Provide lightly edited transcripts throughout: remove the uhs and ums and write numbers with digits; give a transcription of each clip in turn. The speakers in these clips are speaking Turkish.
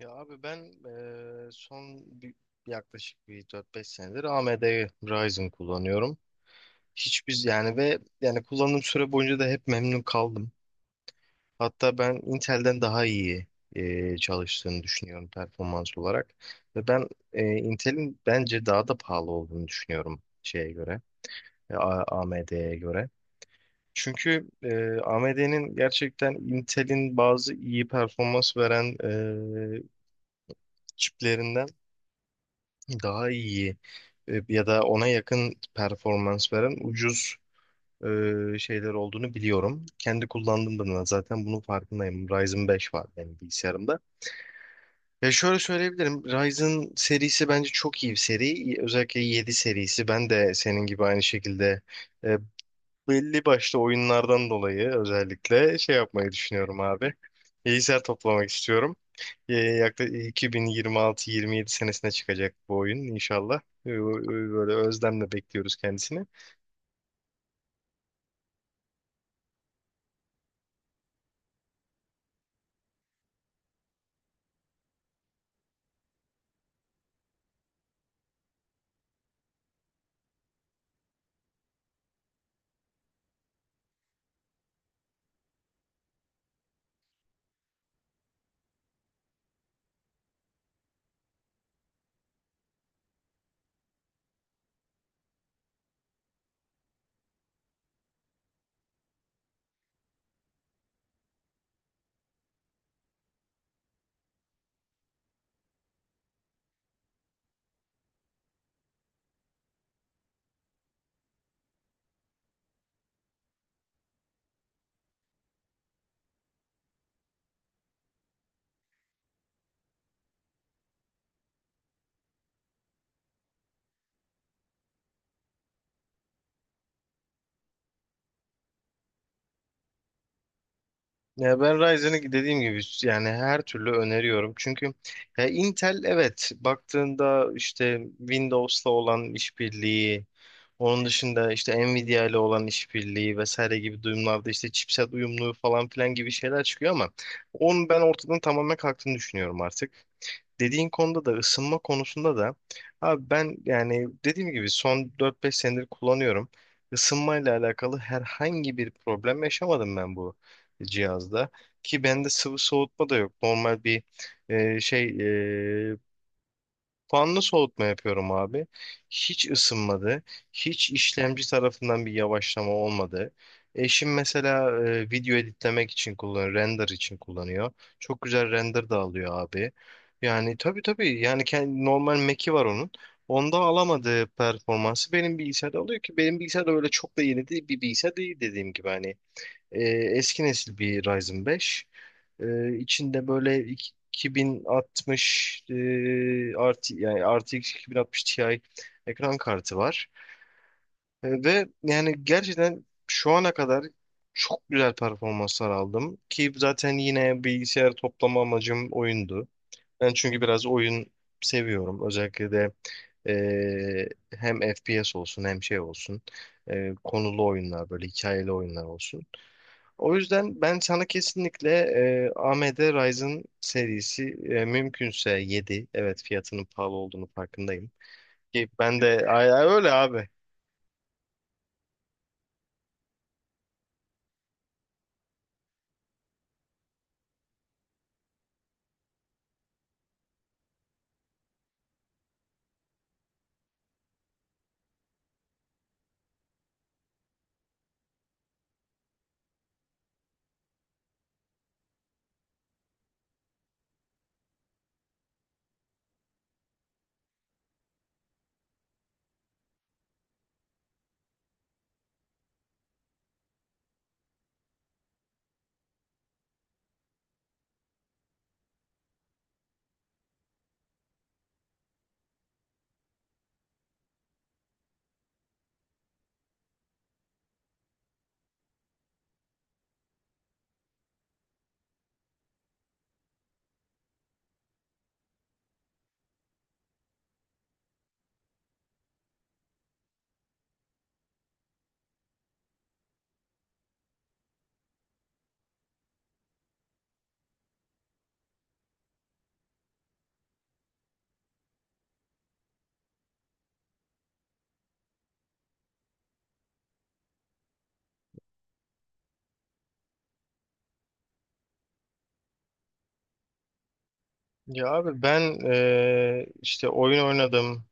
Ya abi ben yaklaşık bir 4-5 senedir AMD Ryzen kullanıyorum. Hiç biz yani ve yani kullandığım süre boyunca da hep memnun kaldım. Hatta ben Intel'den daha iyi çalıştığını düşünüyorum performans olarak. Ve ben Intel'in bence daha da pahalı olduğunu düşünüyorum şeye göre, AMD'ye göre. Çünkü AMD'nin gerçekten Intel'in bazı iyi performans veren çiplerinden daha iyi ya da ona yakın performans veren ucuz şeyler olduğunu biliyorum. Kendi kullandığımda da zaten bunun farkındayım. Ryzen 5 var benim bilgisayarımda. Ya şöyle söyleyebilirim. Ryzen serisi bence çok iyi bir seri. Özellikle 7 serisi. Ben de senin gibi aynı şekilde e, belli başlı oyunlardan dolayı özellikle şey yapmayı düşünüyorum abi. Bilgisayar toplamak istiyorum. Yaklaşık 2026-27 senesine çıkacak bu oyun inşallah. Böyle özlemle bekliyoruz kendisini. Ya ben Ryzen'i dediğim gibi yani her türlü öneriyorum. Çünkü ya Intel evet baktığında işte Windows'la olan işbirliği, onun dışında işte Nvidia ile olan işbirliği vesaire gibi durumlarda işte chipset uyumluluğu falan filan gibi şeyler çıkıyor ama onun ben ortadan tamamen kalktığını düşünüyorum artık. Dediğin konuda da ısınma konusunda da abi ben yani dediğim gibi son 4-5 senedir kullanıyorum. Isınmayla alakalı herhangi bir problem yaşamadım ben bu cihazda. Ki bende sıvı soğutma da yok. Normal bir e, şey e, fanlı soğutma yapıyorum abi. Hiç ısınmadı. Hiç işlemci tarafından bir yavaşlama olmadı. Eşim mesela video editlemek için kullanıyor, render için kullanıyor. Çok güzel render da alıyor abi. Yani tabii tabii yani kendi, normal Mac'i var onun. Onda alamadığı performansı benim bilgisayarda alıyor ki benim bilgisayar da öyle çok da yeni değil bir bilgisayar değil dediğim gibi hani eski nesil bir Ryzen 5. İçinde böyle 2060 artı yani RTX 2060 Ti ekran kartı var. Ve yani gerçekten şu ana kadar çok güzel performanslar aldım ki zaten yine bilgisayar toplama amacım oyundu. Ben çünkü biraz oyun seviyorum. Özellikle de hem FPS olsun hem şey olsun. Konulu oyunlar böyle hikayeli oyunlar olsun. O yüzden ben sana kesinlikle AMD Ryzen serisi mümkünse 7, evet fiyatının pahalı olduğunu farkındayım. Ki ben de ay, ay, öyle abi. Ya abi ben işte oyun oynadım.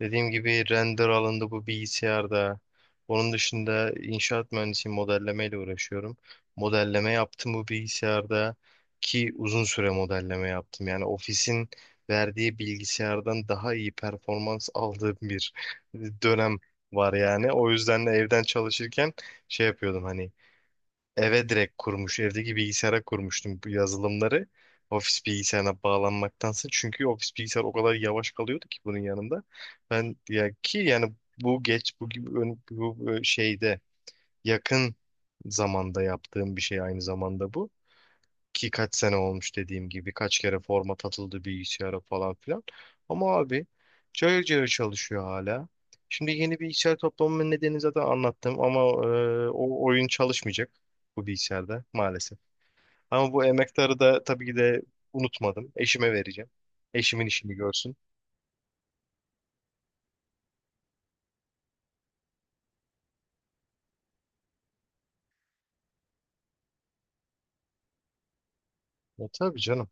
Dediğim gibi render alındı bu bilgisayarda. Onun dışında inşaat mühendisiyim, modellemeyle uğraşıyorum. Modelleme yaptım bu bilgisayarda ki uzun süre modelleme yaptım. Yani ofisin verdiği bilgisayardan daha iyi performans aldığım bir dönem var yani. O yüzden de evden çalışırken şey yapıyordum hani eve direkt kurmuş. Evdeki bilgisayara kurmuştum bu yazılımları. Ofis bilgisayarına bağlanmaktansa. Çünkü ofis bilgisayar o kadar yavaş kalıyordu ki bunun yanında. Ben ya ki yani bu geç bu gibi ön- bu bu şeyde yakın zamanda yaptığım bir şey aynı zamanda bu ki kaç sene olmuş dediğim gibi kaç kere format atıldı bilgisayara falan filan. Ama abi cayır cayır çalışıyor hala. Şimdi yeni bilgisayar toplamamın nedeni zaten anlattım ama o oyun çalışmayacak bu bilgisayarda maalesef. Ama bu emektarı da tabii ki de unutmadım. Eşime vereceğim. Eşimin işini görsün. E tabii canım.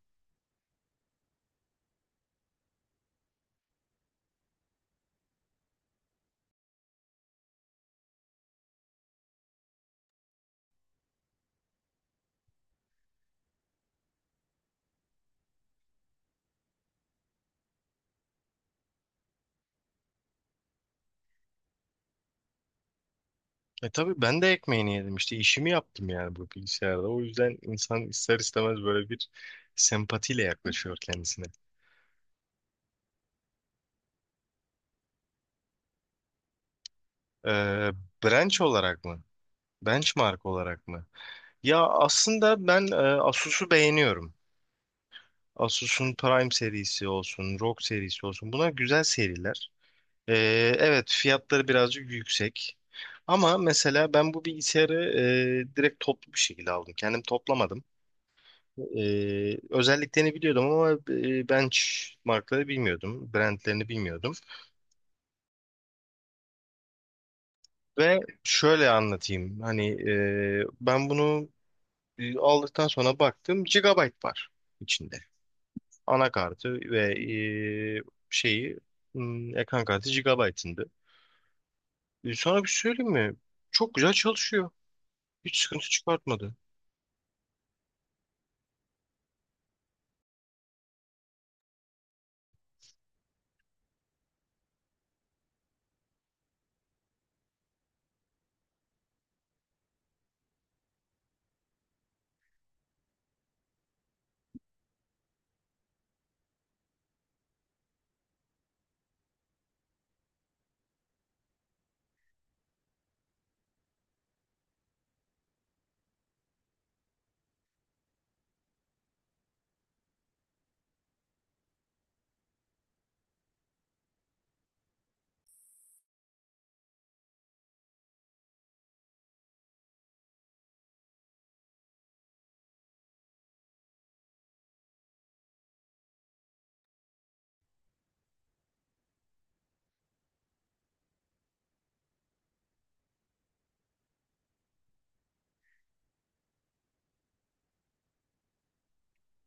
E tabii ben de ekmeğini yedim işte işimi yaptım yani bu bilgisayarda. O yüzden insan ister istemez böyle bir sempatiyle yaklaşıyor kendisine. Ee, branch olarak mı? Benchmark olarak mı? Ya aslında ben Asus'u beğeniyorum. Asus'un Prime serisi olsun, ROG serisi olsun. Bunlar güzel seriler. E, evet fiyatları birazcık yüksek. Ama mesela ben bu bilgisayarı direkt toplu bir şekilde aldım. Kendim toplamadım. E, Özelliklerini biliyordum ama benchmarkları bilmiyordum. Brandlerini bilmiyordum. Ve şöyle anlatayım. Hani ben bunu aldıktan sonra baktım. Gigabyte var içinde, anakartı ve e, şeyi ekran kartı GB'ındı. Sana bir şey söyleyeyim mi? Çok güzel çalışıyor. Hiç sıkıntı çıkartmadı.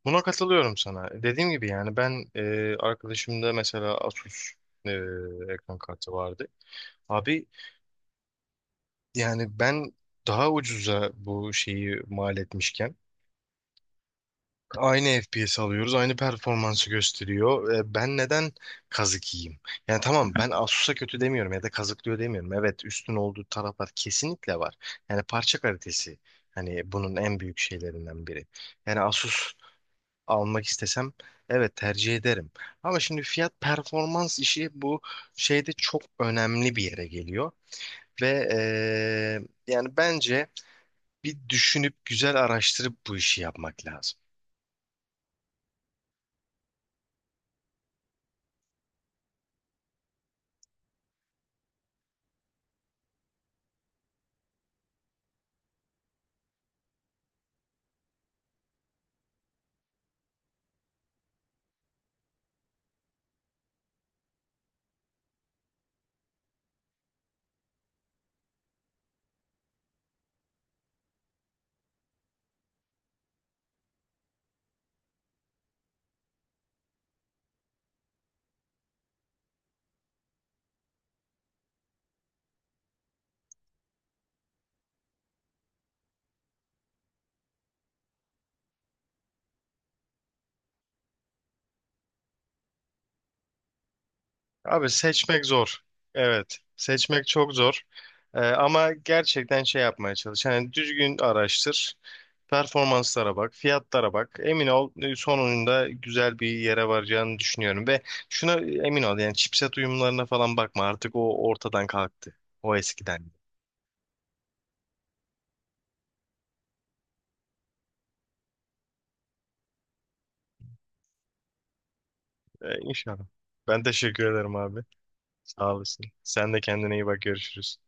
Buna katılıyorum sana. Dediğim gibi yani ben arkadaşımda mesela Asus e, ekran kartı vardı. Abi yani ben daha ucuza bu şeyi mal etmişken aynı FPS alıyoruz, aynı performansı gösteriyor. Ben neden kazık yiyeyim? Yani tamam ben Asus'a kötü demiyorum ya da kazıklıyor demiyorum. Evet üstün olduğu taraflar kesinlikle var. Yani parça kalitesi hani bunun en büyük şeylerinden biri. Yani Asus almak istesem evet tercih ederim. Ama şimdi fiyat performans işi bu şeyde çok önemli bir yere geliyor. Ve yani bence bir düşünüp güzel araştırıp bu işi yapmak lazım. Abi seçmek zor. Evet. Seçmek çok zor. Ama gerçekten şey yapmaya çalış. Hani düzgün araştır. Performanslara bak, fiyatlara bak. Emin ol sonunda güzel bir yere varacağını düşünüyorum. Ve şuna emin ol yani chipset uyumlarına falan bakma. Artık o ortadan kalktı. O eskiden. İnşallah. Ben teşekkür ederim abi. Sağ olasın. Sen de kendine iyi bak. Görüşürüz.